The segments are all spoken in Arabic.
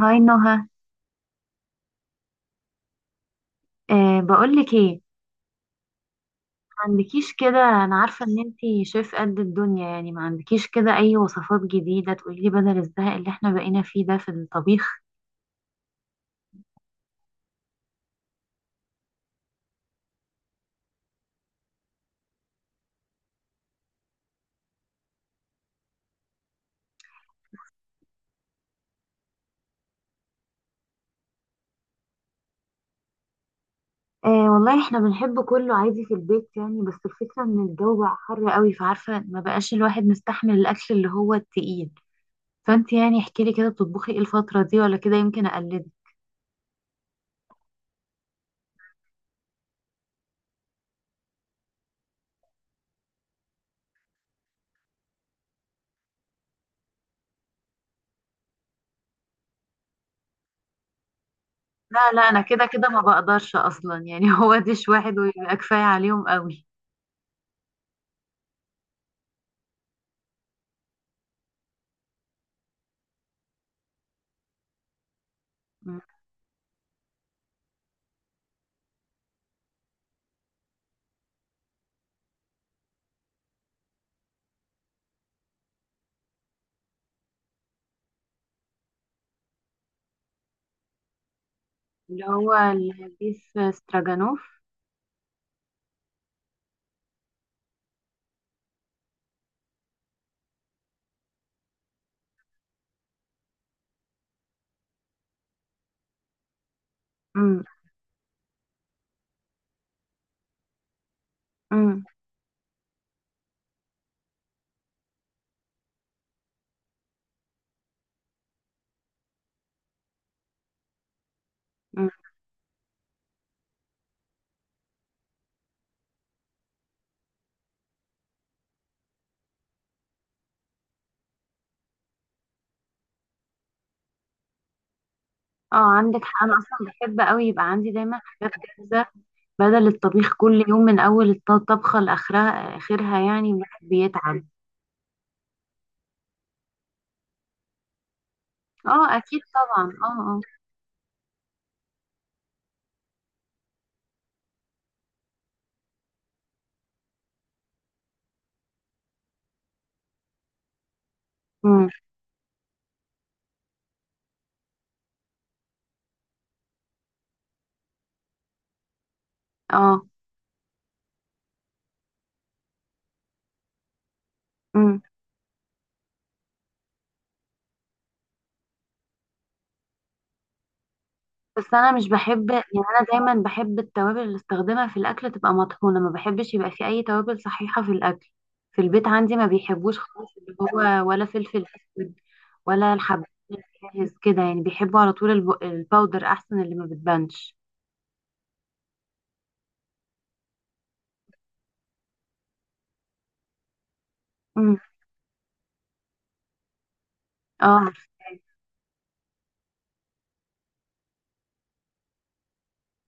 هاي نهى. أه، بقولك ايه. ما عندكيش كده، انا عارفه ان انتي شيف قد الدنيا يعني. ما عندكيش كده اي وصفات جديده تقولي لي بدل الزهق اللي احنا بقينا فيه ده في الطبيخ؟ أه والله احنا بنحب كله عادي في البيت يعني، بس الفكره ان الجو بقى حر قوي، فعارفه ما بقاش الواحد مستحمل الاكل اللي هو التقيل. فانتي يعني احكي لي كده، بتطبخي ايه الفتره دي ولا كده يمكن اقلدك. لا لا، انا كده كده ما بقدرش اصلا يعني هو ديش واحد ويبقى كفايه عليهم قوي. اللي هو البيف استراجانوف. امم. امم. امم. اه عندك حق، انا اصلا بحب قوي يبقى عندي دايما حاجات جاهزه، بدل الطبيخ كل يوم من اول الطبخه لاخرها، اخرها يعني الواحد بيتعب. اه اكيد طبعا، اه اه. امم. اه. امم. بس انا مش بحب يعني، انا دايما بحب التوابل اللي استخدمها في الاكل تبقى مطحونه، ما بحبش يبقى في اي توابل صحيحه في الاكل. في البيت عندي ما بيحبوش خالص اللي هو، ولا فلفل اسود ولا الحب جاهز كده يعني، بيحبوا على طول الباودر احسن، اللي ما بتبانش. امم. اه عارفة.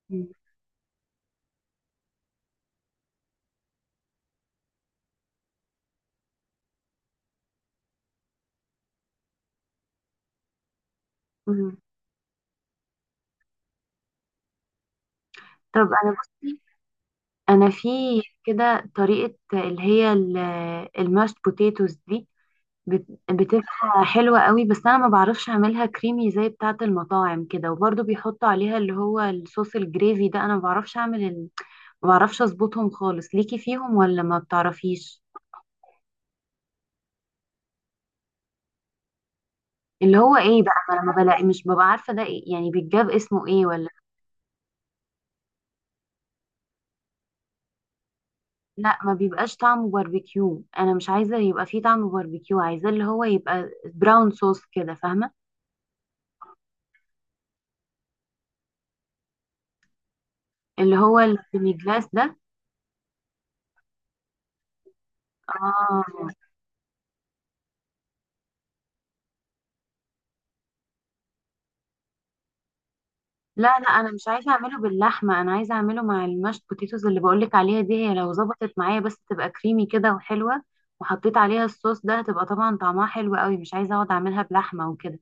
مم. مم. طب انا بصي، انا في كده طريقة اللي هي الماشت بوتيتوز دي، بتبقى حلوة قوي، بس انا ما بعرفش اعملها كريمي زي بتاعة المطاعم كده، وبرضو بيحطوا عليها اللي هو الصوص الجريفي ده، انا ما بعرفش اعمل ما بعرفش اظبطهم خالص، ليكي فيهم ولا ما بتعرفيش؟ اللي هو ايه بقى، ما انا ما بلاقي، مش ببقى عارفة ده إيه يعني، بيتجاب اسمه ايه ولا؟ لا، ما بيبقاش طعمه باربيكيو، انا مش عايزه يبقى فيه طعم باربيكيو، عايزه اللي هو يبقى براون صوص كده، فاهمه؟ اللي هو السيمي جلاس ده. اه. لا لا، انا مش عايزه اعمله باللحمه، انا عايزه اعمله مع المشت بوتيتوز اللي بقولك عليها دي، هي لو ظبطت معايا بس تبقى كريمي كده وحلوه وحطيت عليها الصوص ده هتبقى طبعا طعمها حلو قوي، مش عايزه اقعد اعملها بلحمه وكده.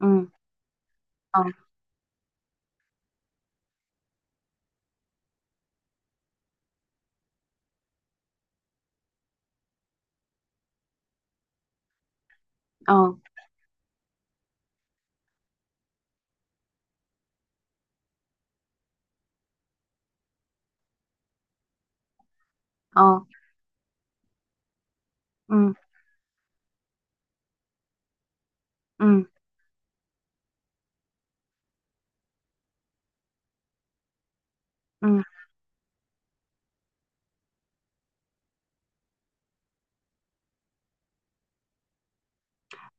امم. اه. اه. اه. امم. امم.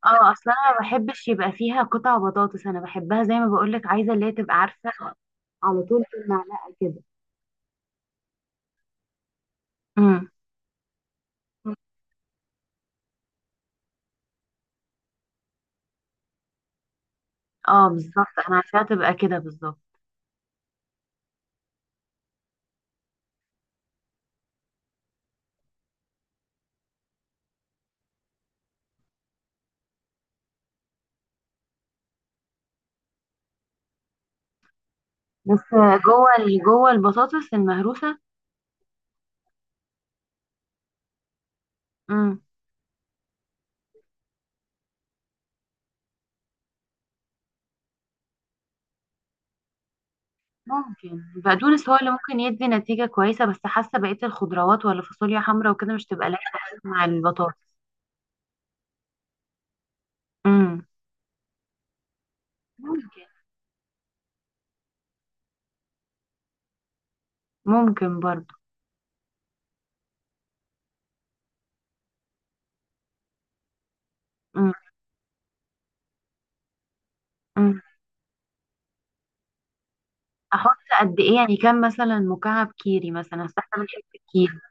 اه اصلا انا ما بحبش يبقى فيها قطع بطاطس، انا بحبها زي ما بقولك، عايزه اللي هي تبقى عارفه، على طول في المعلقه كده. امم. اه بالظبط، انا عايزاها تبقى كده بالظبط. بس جوه البطاطس المهروسه. امم. ممكن البقدونس هو اللي ممكن يدي نتيجه كويسه، بس حاسه بقيه الخضروات ولا فاصوليا حمراء وكده مش تبقى لايقه قوي مع البطاطس. امم. ممكن. ممكن برضو. امم. امم. احط قد ايه يعني، كام مثلا مكعب كيري مثلا، أصل احنا بنحب الكيري.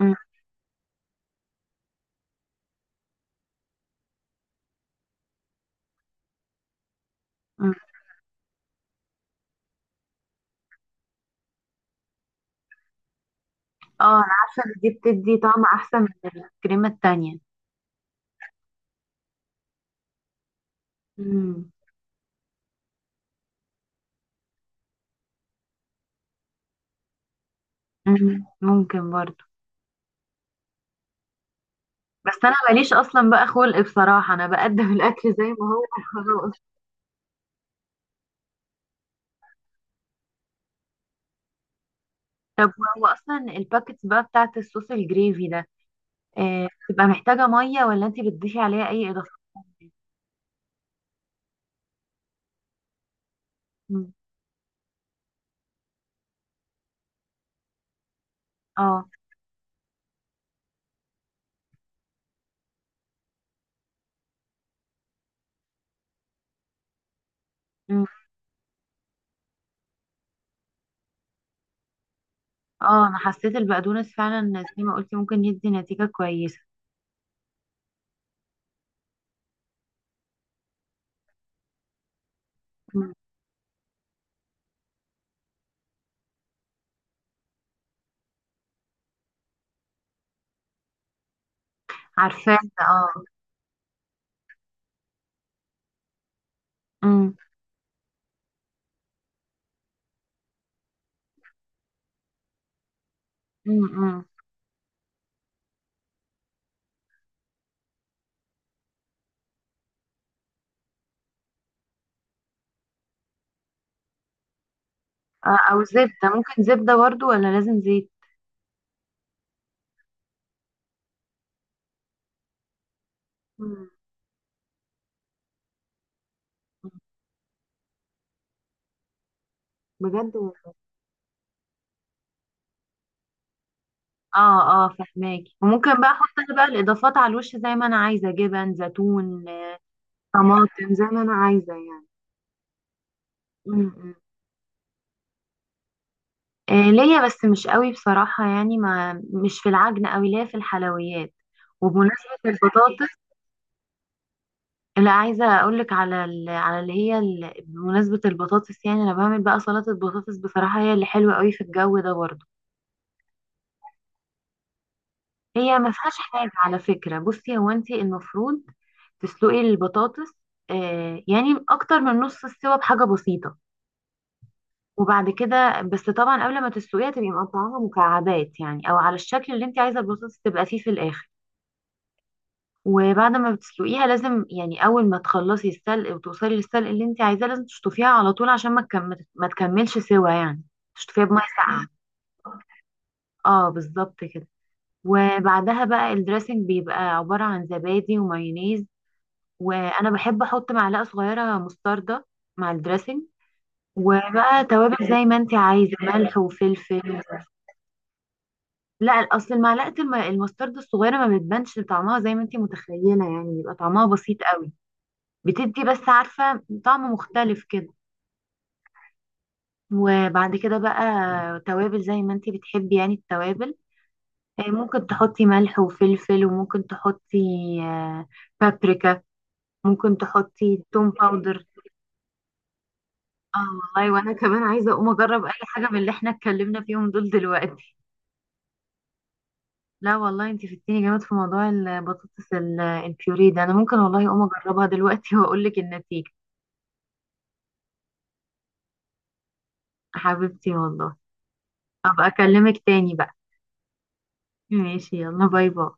امم. مم. اه انا عارفه ان دي بتدي طعم احسن من الكريمه التانية. مم. مم. ممكن برضو. بس انا ماليش اصلا بقى خلق بصراحه، انا بقدم الاكل زي ما هو. خلاص. طب هو اصلا الباكتس بقى بتاعت الصوص الجريفي ده، آه، بتبقى محتاجه ميه ولا انتي بتضيفي عليها اي اضافات؟ مم. اه. مم. اه انا حسيت البقدونس فعلا زي ما قلتي ممكن يدي نتيجه كويسه. مم. عارفاه ده، اه. مم. مم. مم. آه، او زبده، ممكن زبده برضو ولا لازم زيت؟ بجد والله. اه اه فهماكي، وممكن بقى احط انا بقى الاضافات على الوش زي ما انا عايزه، جبن، زيتون، آه، طماطم، كان زي ما انا عايزه يعني. م- م. آه، ليا بس مش قوي بصراحه، يعني ما مش في العجن قوي، ليا في الحلويات. وبمناسبه البطاطس، اللي عايزه اقول لك على على اللي هي بمناسبه البطاطس يعني انا بعمل بقى سلطه بطاطس، بصراحه هي اللي حلوه قوي في الجو ده برضه. هي ما فيهاش حاجة على فكرة، بصي هو انت المفروض تسلقي البطاطس، آه يعني اكتر من نص السوا بحاجة بسيطة. وبعد كده، بس طبعا قبل ما تسلقيها تبقي مقطعاها مكعبات يعني، او على الشكل اللي انت عايزة البطاطس تبقى فيه في الاخر. وبعد ما بتسلقيها لازم يعني، اول ما تخلصي السلق وتوصلي للسلق اللي انت عايزاه لازم تشطفيها على طول عشان ما تكملش سوا يعني، تشطفيها بميه ساقعة. اه بالظبط كده. وبعدها بقى الدريسنج بيبقى عبارة عن زبادي ومايونيز، وانا بحب احط معلقه صغيره مستردة مع الدريسنج، وبقى توابل زي ما انت عايزه، ملح وفلفل. لا اصل المعلقه المستردة الصغيره ما بتبانش طعمها زي ما انت متخيله يعني، بيبقى طعمها بسيط قوي. بتدي بس عارفه طعم مختلف كده. وبعد كده بقى توابل زي ما انت بتحبي يعني، التوابل، آه، ممكن تحطي ملح وفلفل، وممكن تحطي آه، بابريكا، ممكن تحطي توم باودر. اه والله، وانا كمان عايزه اقوم اجرب اي حاجه من اللي احنا اتكلمنا فيهم دول دلوقتي. لا والله انت فدتيني جامد في موضوع البطاطس البيوري ده، انا ممكن والله اقوم اجربها دلوقتي واقول لك النتيجه. حبيبتي والله، ابقى اكلمك تاني بقى. ماشي، يلا، باي باي.